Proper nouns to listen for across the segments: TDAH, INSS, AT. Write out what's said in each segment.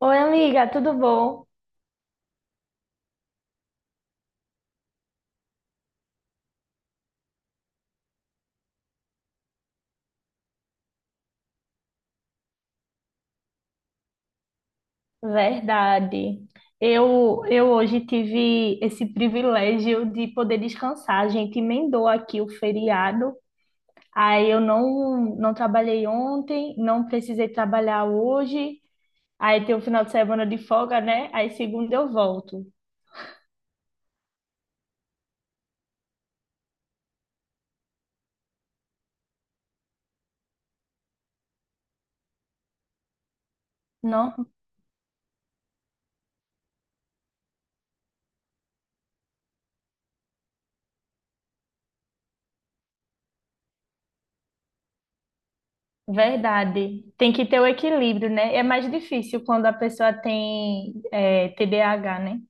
Oi, amiga, tudo bom? Verdade. Eu hoje tive esse privilégio de poder descansar. A gente emendou aqui o feriado. Aí eu não trabalhei ontem, não precisei trabalhar hoje. Aí tem o final de semana de folga, né? Aí segunda eu volto. Não, verdade. Tem que ter o equilíbrio, né? É mais difícil quando a pessoa tem, TDAH, né?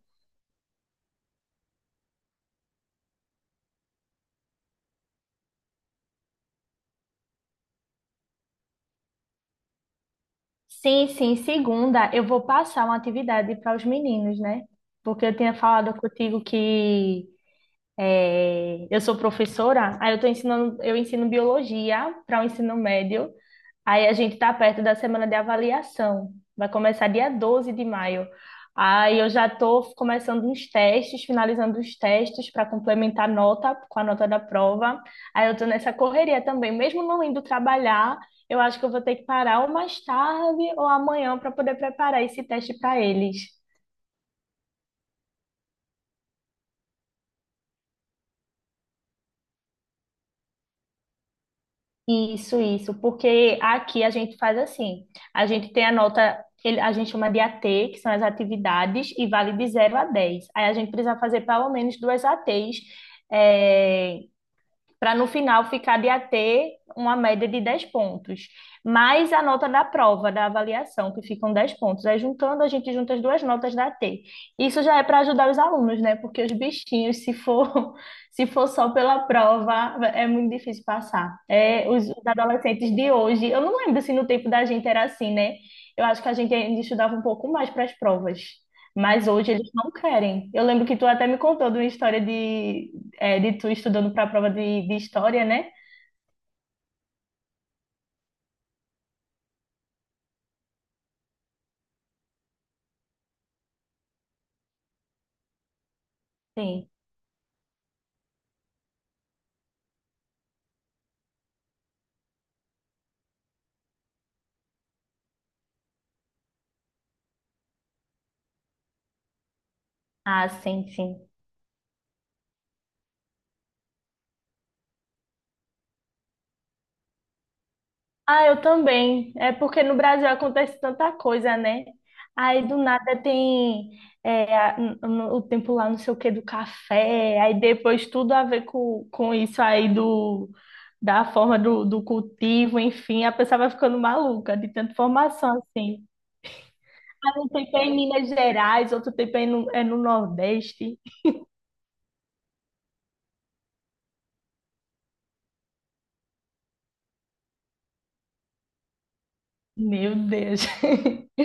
Sim, sim. Segunda, eu vou passar uma atividade para os meninos, né? Porque eu tinha falado contigo que eu sou professora, aí eu tô ensinando, eu ensino biologia para o ensino médio. Aí a gente está perto da semana de avaliação. Vai começar dia 12 de maio. Aí eu já estou começando uns testes, finalizando os testes para complementar a nota com a nota da prova. Aí eu estou nessa correria também. Mesmo não indo trabalhar, eu acho que eu vou ter que parar ou mais tarde ou amanhã para poder preparar esse teste para eles. Isso, porque aqui a gente faz assim, a gente tem a nota, a gente chama de AT, que são as atividades, e vale de 0 a 10. Aí a gente precisa fazer pelo menos duas ATs, para no final ficar de AT uma média de 10 pontos, mais a nota da prova, da avaliação, que ficam 10 pontos. Aí juntando, a gente junta as duas notas da AT. Isso já é para ajudar os alunos, né? Porque os bichinhos, se for, se for só pela prova, é muito difícil passar. É, os adolescentes de hoje, eu não lembro se no tempo da gente era assim, né? Eu acho que a gente ainda estudava um pouco mais para as provas. Mas hoje eles não querem. Eu lembro que tu até me contou de uma história de tu estudando para a prova de história, né? Sim. Ah, sim, sim. Ah, eu também. É porque no Brasil acontece tanta coisa, né? Aí do nada tem o tempo lá, não sei o que, do café, aí depois tudo a ver com isso aí do, da forma do cultivo, enfim, a pessoa vai ficando maluca de tanta formação assim. Ah, um tempo é em Minas Gerais, outro tempo é é no Nordeste. Meu Deus.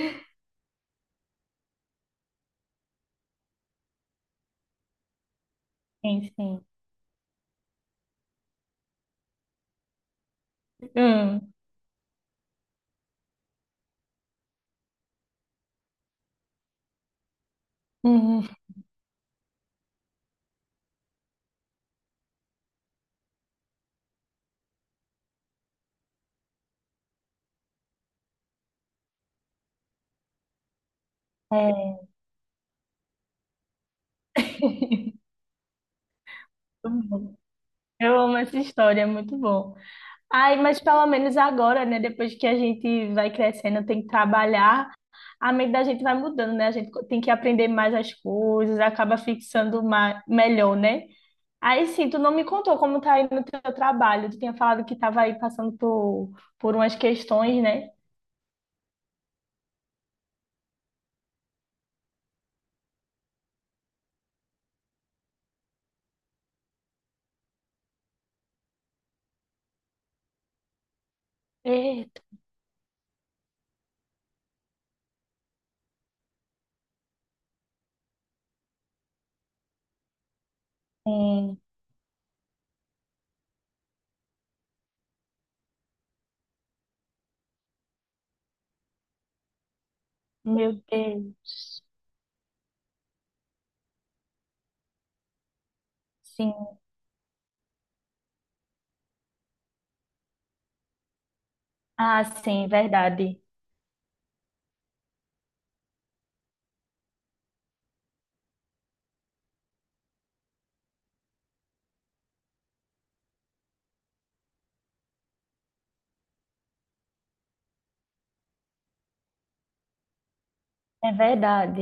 Sim, sim. Hum. Uhum. É. Muito bom. Eu amo essa história, é muito bom. Ai, mas pelo menos agora, né? Depois que a gente vai crescendo, tem que trabalhar, a mente da gente vai mudando, né? A gente tem que aprender mais as coisas, acaba fixando mais, melhor, né? Aí sim, tu não me contou como tá aí no teu trabalho. Tu tinha falado que tava aí passando por umas questões, né? Eita, sim. Meu Deus. Sim. Ah, sim, verdade. É verdade.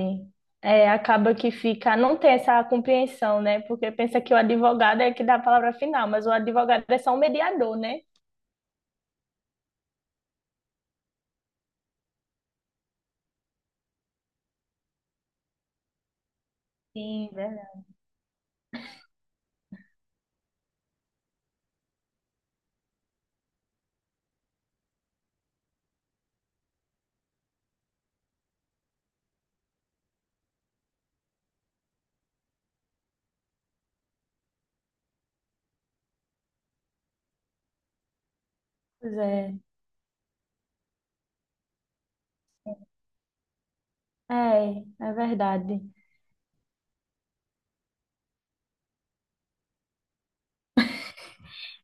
É, acaba que fica, não tem essa compreensão, né? Porque pensa que o advogado é que dá a palavra final, mas o advogado é só um mediador, né? Sim, verdade. Pois é. É, é verdade.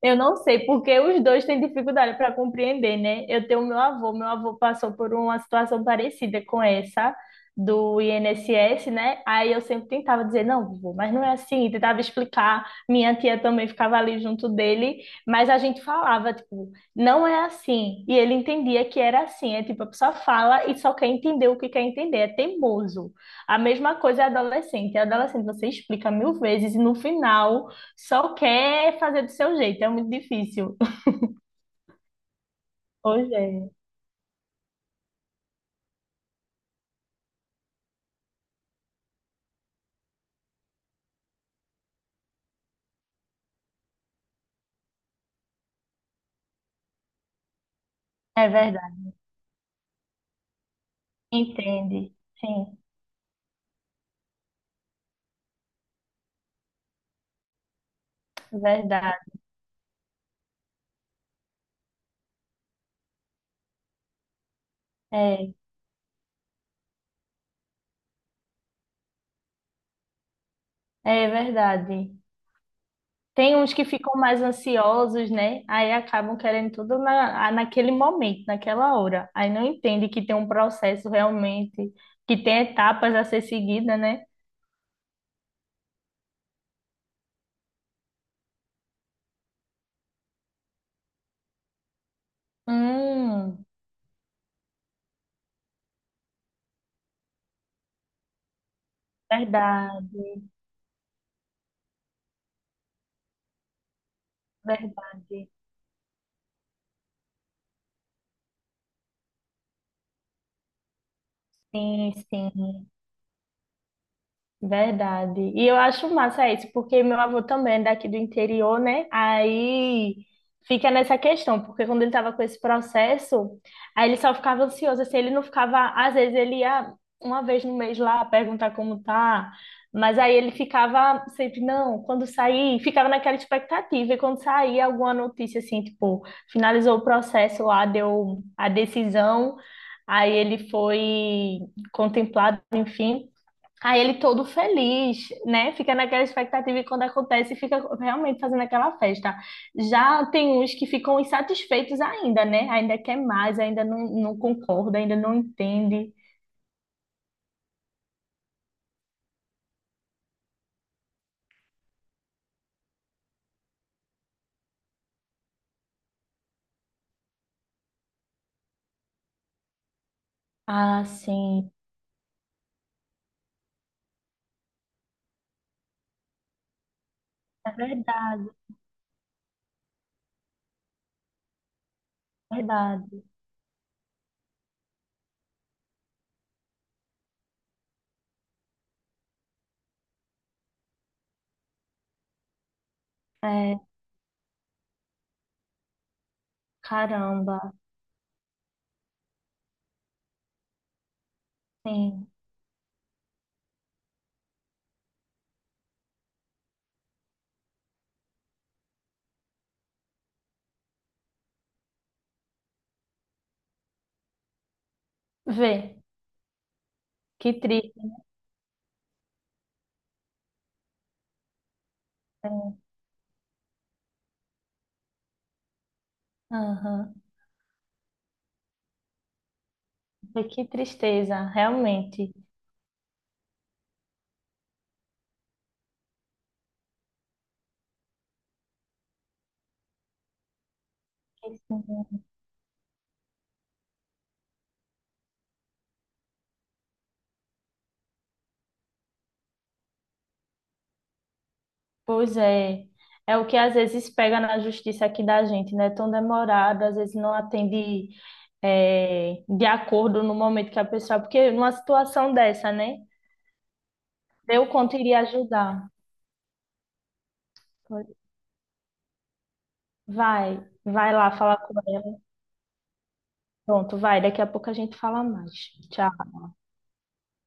Eu não sei, porque os dois têm dificuldade para compreender, né? Eu tenho meu avô passou por uma situação parecida com essa do INSS, né? Aí eu sempre tentava dizer, não, vovô, mas não é assim, tentava explicar. Minha tia também ficava ali junto dele, mas a gente falava, tipo, não é assim. E ele entendia que era assim, é tipo, a pessoa fala e só quer entender o que quer entender, é teimoso. A mesma coisa é adolescente. Adolescente, você explica mil vezes e no final só quer fazer do seu jeito, é muito difícil. Hoje é. É verdade. Entende. Sim, verdade. É, é verdade. Tem uns que ficam mais ansiosos, né? Aí acabam querendo tudo na, ah, naquele momento, naquela hora. Aí não entende que tem um processo realmente, que tem etapas a ser seguida, né? Hum, verdade, verdade. Sim, sim. Verdade. E eu acho massa isso, porque meu avô também é daqui do interior, né? Aí fica nessa questão, porque quando ele estava com esse processo, aí ele só ficava ansioso, assim, ele não ficava, às vezes ele ia uma vez no mês lá perguntar como tá, mas aí ele ficava sempre, não, quando sair, ficava naquela expectativa, e quando saía alguma notícia assim, tipo, finalizou o processo lá, deu a decisão, aí ele foi contemplado, enfim. Aí ele todo feliz, né? Fica naquela expectativa e quando acontece, fica realmente fazendo aquela festa. Já tem uns que ficam insatisfeitos ainda, né? Ainda quer mais, ainda não concorda, ainda não entende. Ah, sim. É verdade, é verdade. É, caramba, sim. Vê, que triste. Né? Aham. Vê. Que tristeza, realmente. Pois é, é o que às vezes pega na justiça aqui da gente, né? Tão demorado, às vezes não atende é, de acordo no momento que a pessoa, porque numa situação dessa, né? Eu quanto iria ajudar. Vai, vai lá falar com ela. Pronto, vai, daqui a pouco a gente fala mais. Tchau.